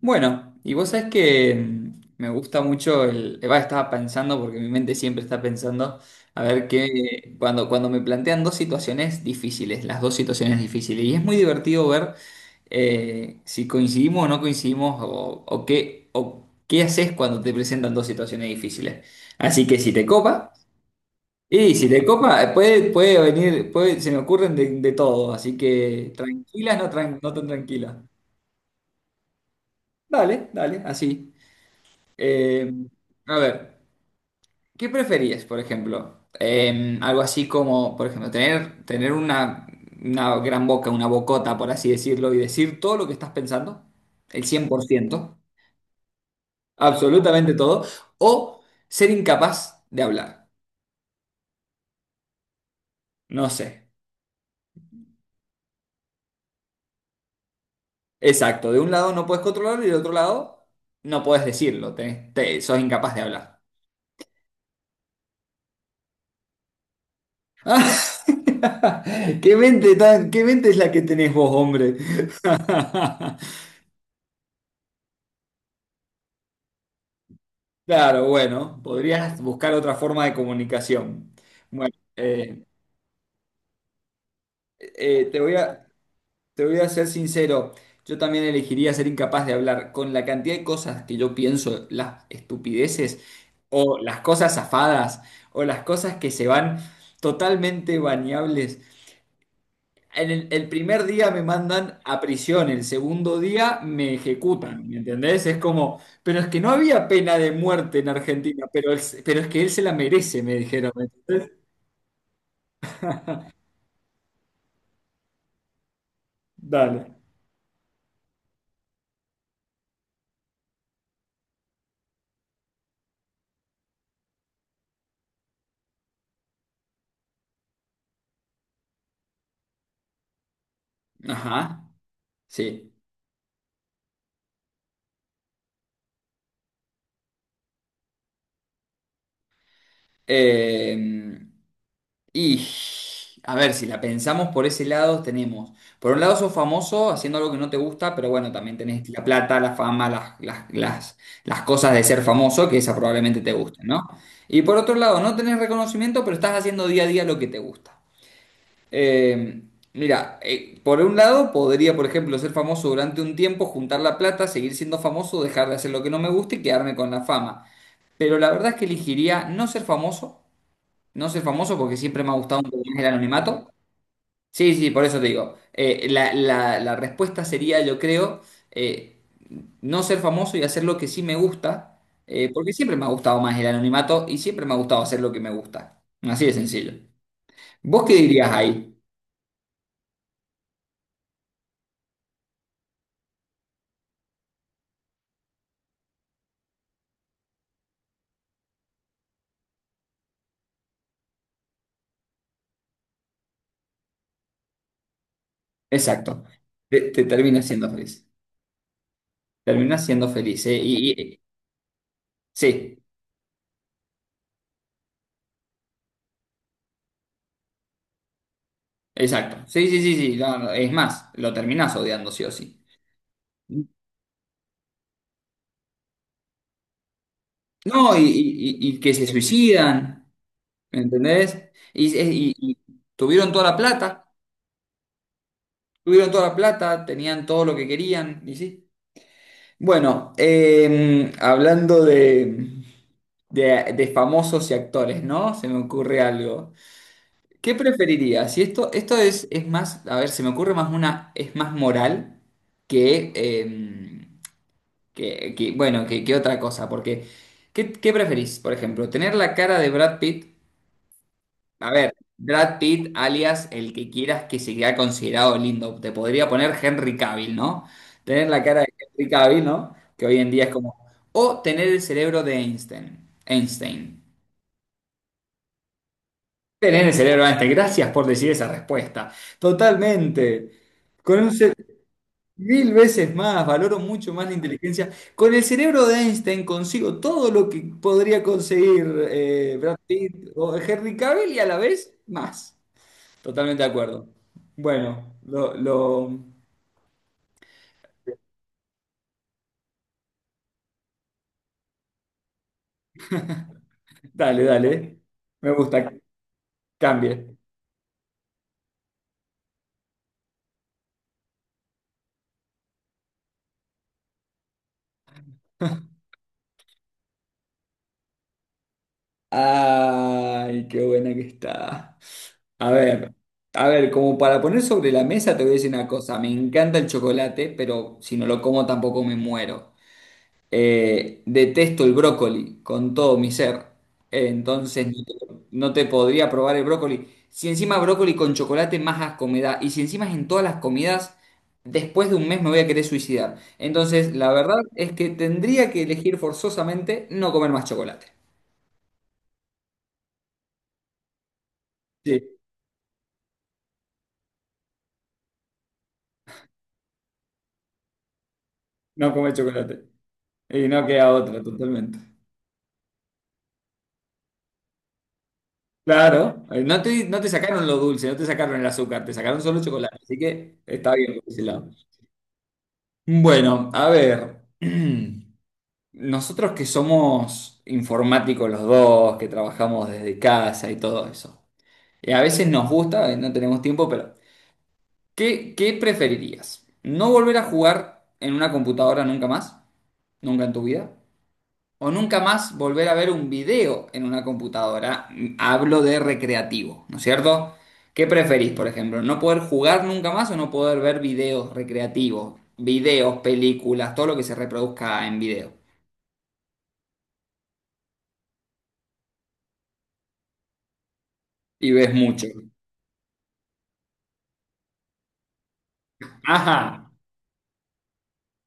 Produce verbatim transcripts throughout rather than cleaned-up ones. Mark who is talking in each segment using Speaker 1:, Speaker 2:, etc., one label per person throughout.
Speaker 1: Bueno, y vos sabés que mm, me gusta mucho el. eh, va, estaba pensando, porque mi mente siempre está pensando, a ver qué. Cuando, cuando me plantean dos situaciones difíciles, las dos situaciones difíciles. Y es muy divertido ver eh, si coincidimos o no coincidimos, o, o qué, o qué haces cuando te presentan dos situaciones difíciles. Así que si te copa, y si te copa, eh, puede, puede venir, puede, se me ocurren de, de todo. Así que tranquila, no, tran- no tan tranquila. Dale, dale, así. Eh, a ver, ¿qué preferías, por ejemplo? Eh, algo así como, por ejemplo, tener, tener una, una gran boca, una bocota, por así decirlo, y decir todo lo que estás pensando, el cien por ciento, absolutamente todo, o ser incapaz de hablar. No sé. Exacto, de un lado no puedes controlarlo y del otro lado no puedes decirlo, tenés- te- sos incapaz de hablar. ¿Qué mente tan, qué mente es la que tenés vos, hombre? Claro, bueno, podrías buscar otra forma de comunicación. Bueno, eh, eh, te voy a, te voy a ser sincero. Yo también elegiría ser incapaz de hablar con la cantidad de cosas que yo pienso: las estupideces o las cosas zafadas o las cosas que se van totalmente bañables. En el, el primer día me mandan a prisión, el segundo día me ejecutan, ¿me entendés? Es como, pero es que no había pena de muerte en Argentina. Pero, él pero es que él se la merece, me dijeron, ¿me entendés? Dale. Ajá, sí. Eh, Y a ver, si la pensamos por ese lado, tenemos, por un lado sos famoso haciendo algo que no te gusta, pero bueno, también tenés la plata, la fama, las, las, las, las cosas de ser famoso, que esa probablemente te gusten, ¿no? Y por otro lado, no tenés reconocimiento, pero estás haciendo día a día lo que te gusta. Eh, Mira, eh, por un lado podría, por ejemplo, ser famoso durante un tiempo, juntar la plata, seguir siendo famoso, dejar de hacer lo que no me gusta y quedarme con la fama. Pero la verdad es que elegiría no ser famoso. No soy famoso porque siempre me ha gustado un poco más el anonimato. Sí, sí, por eso te digo. Eh, la, la- la respuesta sería, yo creo, eh, no ser famoso y hacer lo que sí me gusta, eh, porque siempre me ha gustado más el anonimato y siempre me ha gustado hacer lo que me gusta. Así de sencillo. ¿Vos qué dirías ahí? Exacto. Te, te terminas siendo feliz. Terminas siendo feliz. eh, Y, y- sí, exacto. Sí, sí, sí, sí. No, no, es más, lo terminás odiando sí o sí. No, y, y- y- y que se suicidan. ¿Me entendés? Y, y- y tuvieron toda la plata, tuvieron toda la plata, tenían todo lo que querían, y sí. Bueno, eh, hablando de, de, de famosos y actores, ¿no? Se me ocurre algo. ¿Qué preferirías? Si esto, esto es, es más, a ver, se me ocurre más una, es más moral que, eh, que, que, bueno, que, que otra cosa, porque ¿qué, qué preferís? Por ejemplo, ¿tener la cara de Brad Pitt? A ver, Brad Pitt, alias el que quieras que se quede considerado lindo. Te podría poner Henry Cavill, ¿no? Tener la cara de Henry Cavill, ¿no? Que hoy en día es como. O tener el cerebro de Einstein. Einstein. Tener el cerebro de Einstein. Gracias por decir esa respuesta. Totalmente. Con un ce- mil veces más, valoro mucho más la inteligencia. Con el cerebro de Einstein consigo todo lo que podría conseguir eh, Brad Pitt o Henry Cavill y a la vez más. Totalmente de acuerdo. Bueno. lo, lo... Dale, dale. Me gusta. Cambie. Ay, qué buena que está. A ver, a ver, como para poner sobre la mesa te voy a decir una cosa. Me encanta el chocolate, pero si no lo como tampoco me muero. Eh, detesto el brócoli con todo mi ser. Eh, entonces, no te, no te podría probar el brócoli. Si encima brócoli con chocolate, más asco me da. Y si encima es en todas las comidas, después de un mes me voy a querer suicidar. Entonces, la verdad es que tendría que elegir forzosamente no comer más chocolate. Sí, no comer chocolate. Y no queda otra, totalmente. Claro, eh, no te, no te sacaron lo dulce, no te sacaron el azúcar, te sacaron solo chocolate. Así que está bien por ese lado. Bueno, a ver. Nosotros que somos informáticos los dos, que trabajamos desde casa y todo eso. Y a veces nos gusta, eh, no tenemos tiempo. Pero, ¿qué, qué preferirías? ¿No volver a jugar en una computadora nunca más? ¿Nunca en tu vida? ¿O nunca más volver a ver un video en una computadora? Hablo de recreativo, ¿no es cierto? ¿Qué preferís, por ejemplo? ¿No poder jugar nunca más o no poder ver videos recreativos? Videos, películas, todo lo que se reproduzca en video. Y ves mucho. Ajá.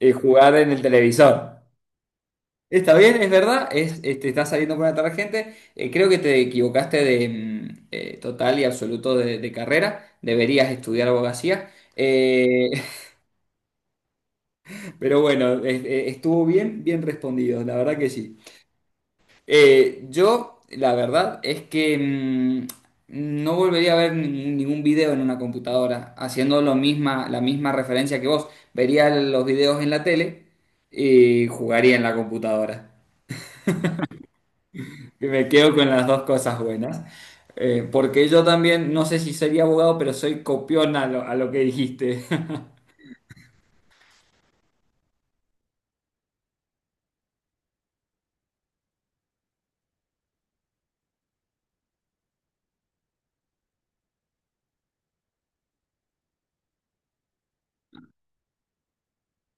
Speaker 1: eh, Jugar en el televisor. Está bien, es verdad, es, eh, te está saliendo por una tarjeta. Eh, creo que te equivocaste de mm, eh, total y absoluto de, de carrera. Deberías estudiar abogacía. Eh, pero bueno, es- eh, estuvo bien, bien respondido, la verdad que sí. Eh, yo, la verdad es que mm, no volvería a ver ningún, ningún video en una computadora, haciendo lo misma, la misma referencia que vos. Vería los videos en la tele y jugaría en la computadora. Que Me quedo con las dos cosas buenas. Eh, porque yo también, no sé si sería abogado, pero soy copión a lo, a lo que dijiste.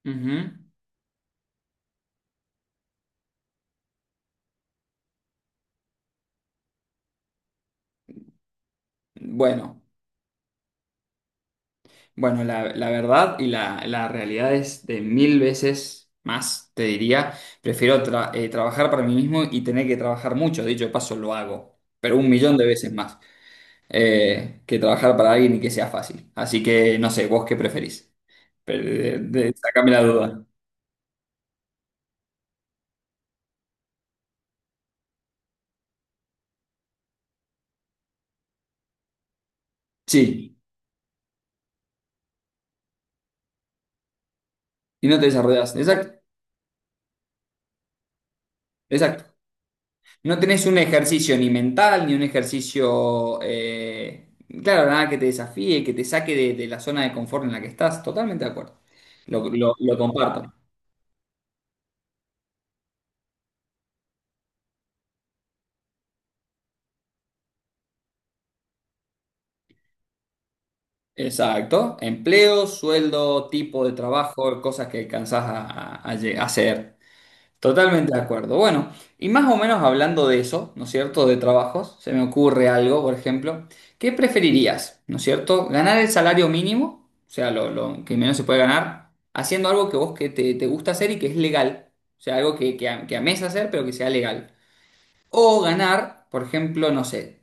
Speaker 1: Ujú. Bueno, bueno, la, la verdad y la, la realidad es de mil veces más, te diría. Prefiero tra- eh, trabajar para mí mismo y tener que trabajar mucho. Dicho de paso, lo hago, pero un millón de veces más eh, que trabajar para alguien y que sea fácil. Así que no sé, vos qué preferís. Pero, eh, de- de- sacame la duda. Sí, y no te desarrollas. Exacto, exacto. No tenés un ejercicio ni mental, ni un ejercicio, eh, claro, nada que te desafíe, que te saque de, de la zona de confort en la que estás. Totalmente de acuerdo. Lo, lo- lo comparto. Exacto. Empleo, sueldo, tipo de trabajo, cosas que alcanzás a, a- a lle- a hacer. Totalmente de acuerdo. Bueno, y más o menos hablando de eso, ¿no es cierto? De trabajos, se me ocurre algo, por ejemplo, ¿qué preferirías? ¿No es cierto? ¿Ganar el salario mínimo, o sea, lo, lo que menos se puede ganar, haciendo algo que vos que te, te gusta hacer y que es legal, o sea, algo que, que, a- que ames hacer pero que sea legal? O ganar, por ejemplo, no sé,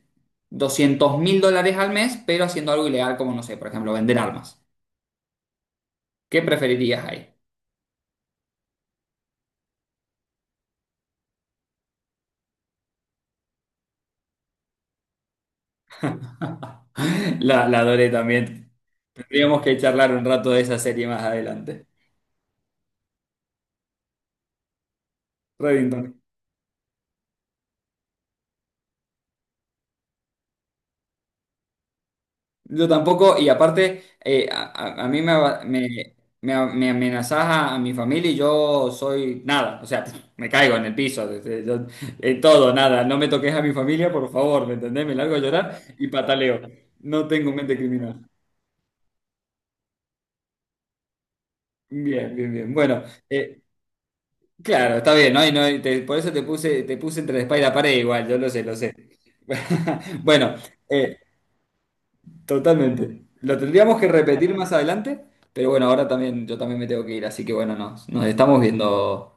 Speaker 1: doscientos mil dólares al mes, pero haciendo algo ilegal como, no sé, por ejemplo, vender armas. ¿Qué preferirías ahí? La, la adoré también. Tendríamos que charlar un rato de esa serie más adelante. Reddington. Yo tampoco. Y aparte, eh, a, a- a mí me, aba- me, me- me amenazás a, a mi familia, y yo soy nada. O sea, me caigo en el piso. Desde- yo- eh, todo, nada. No me toques a mi familia, por favor, ¿me entendés? Me largo a llorar y pataleo. No tengo mente criminal. Bien, bien, bien. Bueno, eh, claro, está bien, ¿no? Y no- y te- por eso te puse, te puse entre la espalda y la pared igual. Yo lo sé, lo sé. Bueno, eh, totalmente. Lo tendríamos que repetir más adelante, pero bueno, ahora también, yo también me tengo que ir, así que bueno, nos, nos estamos viendo.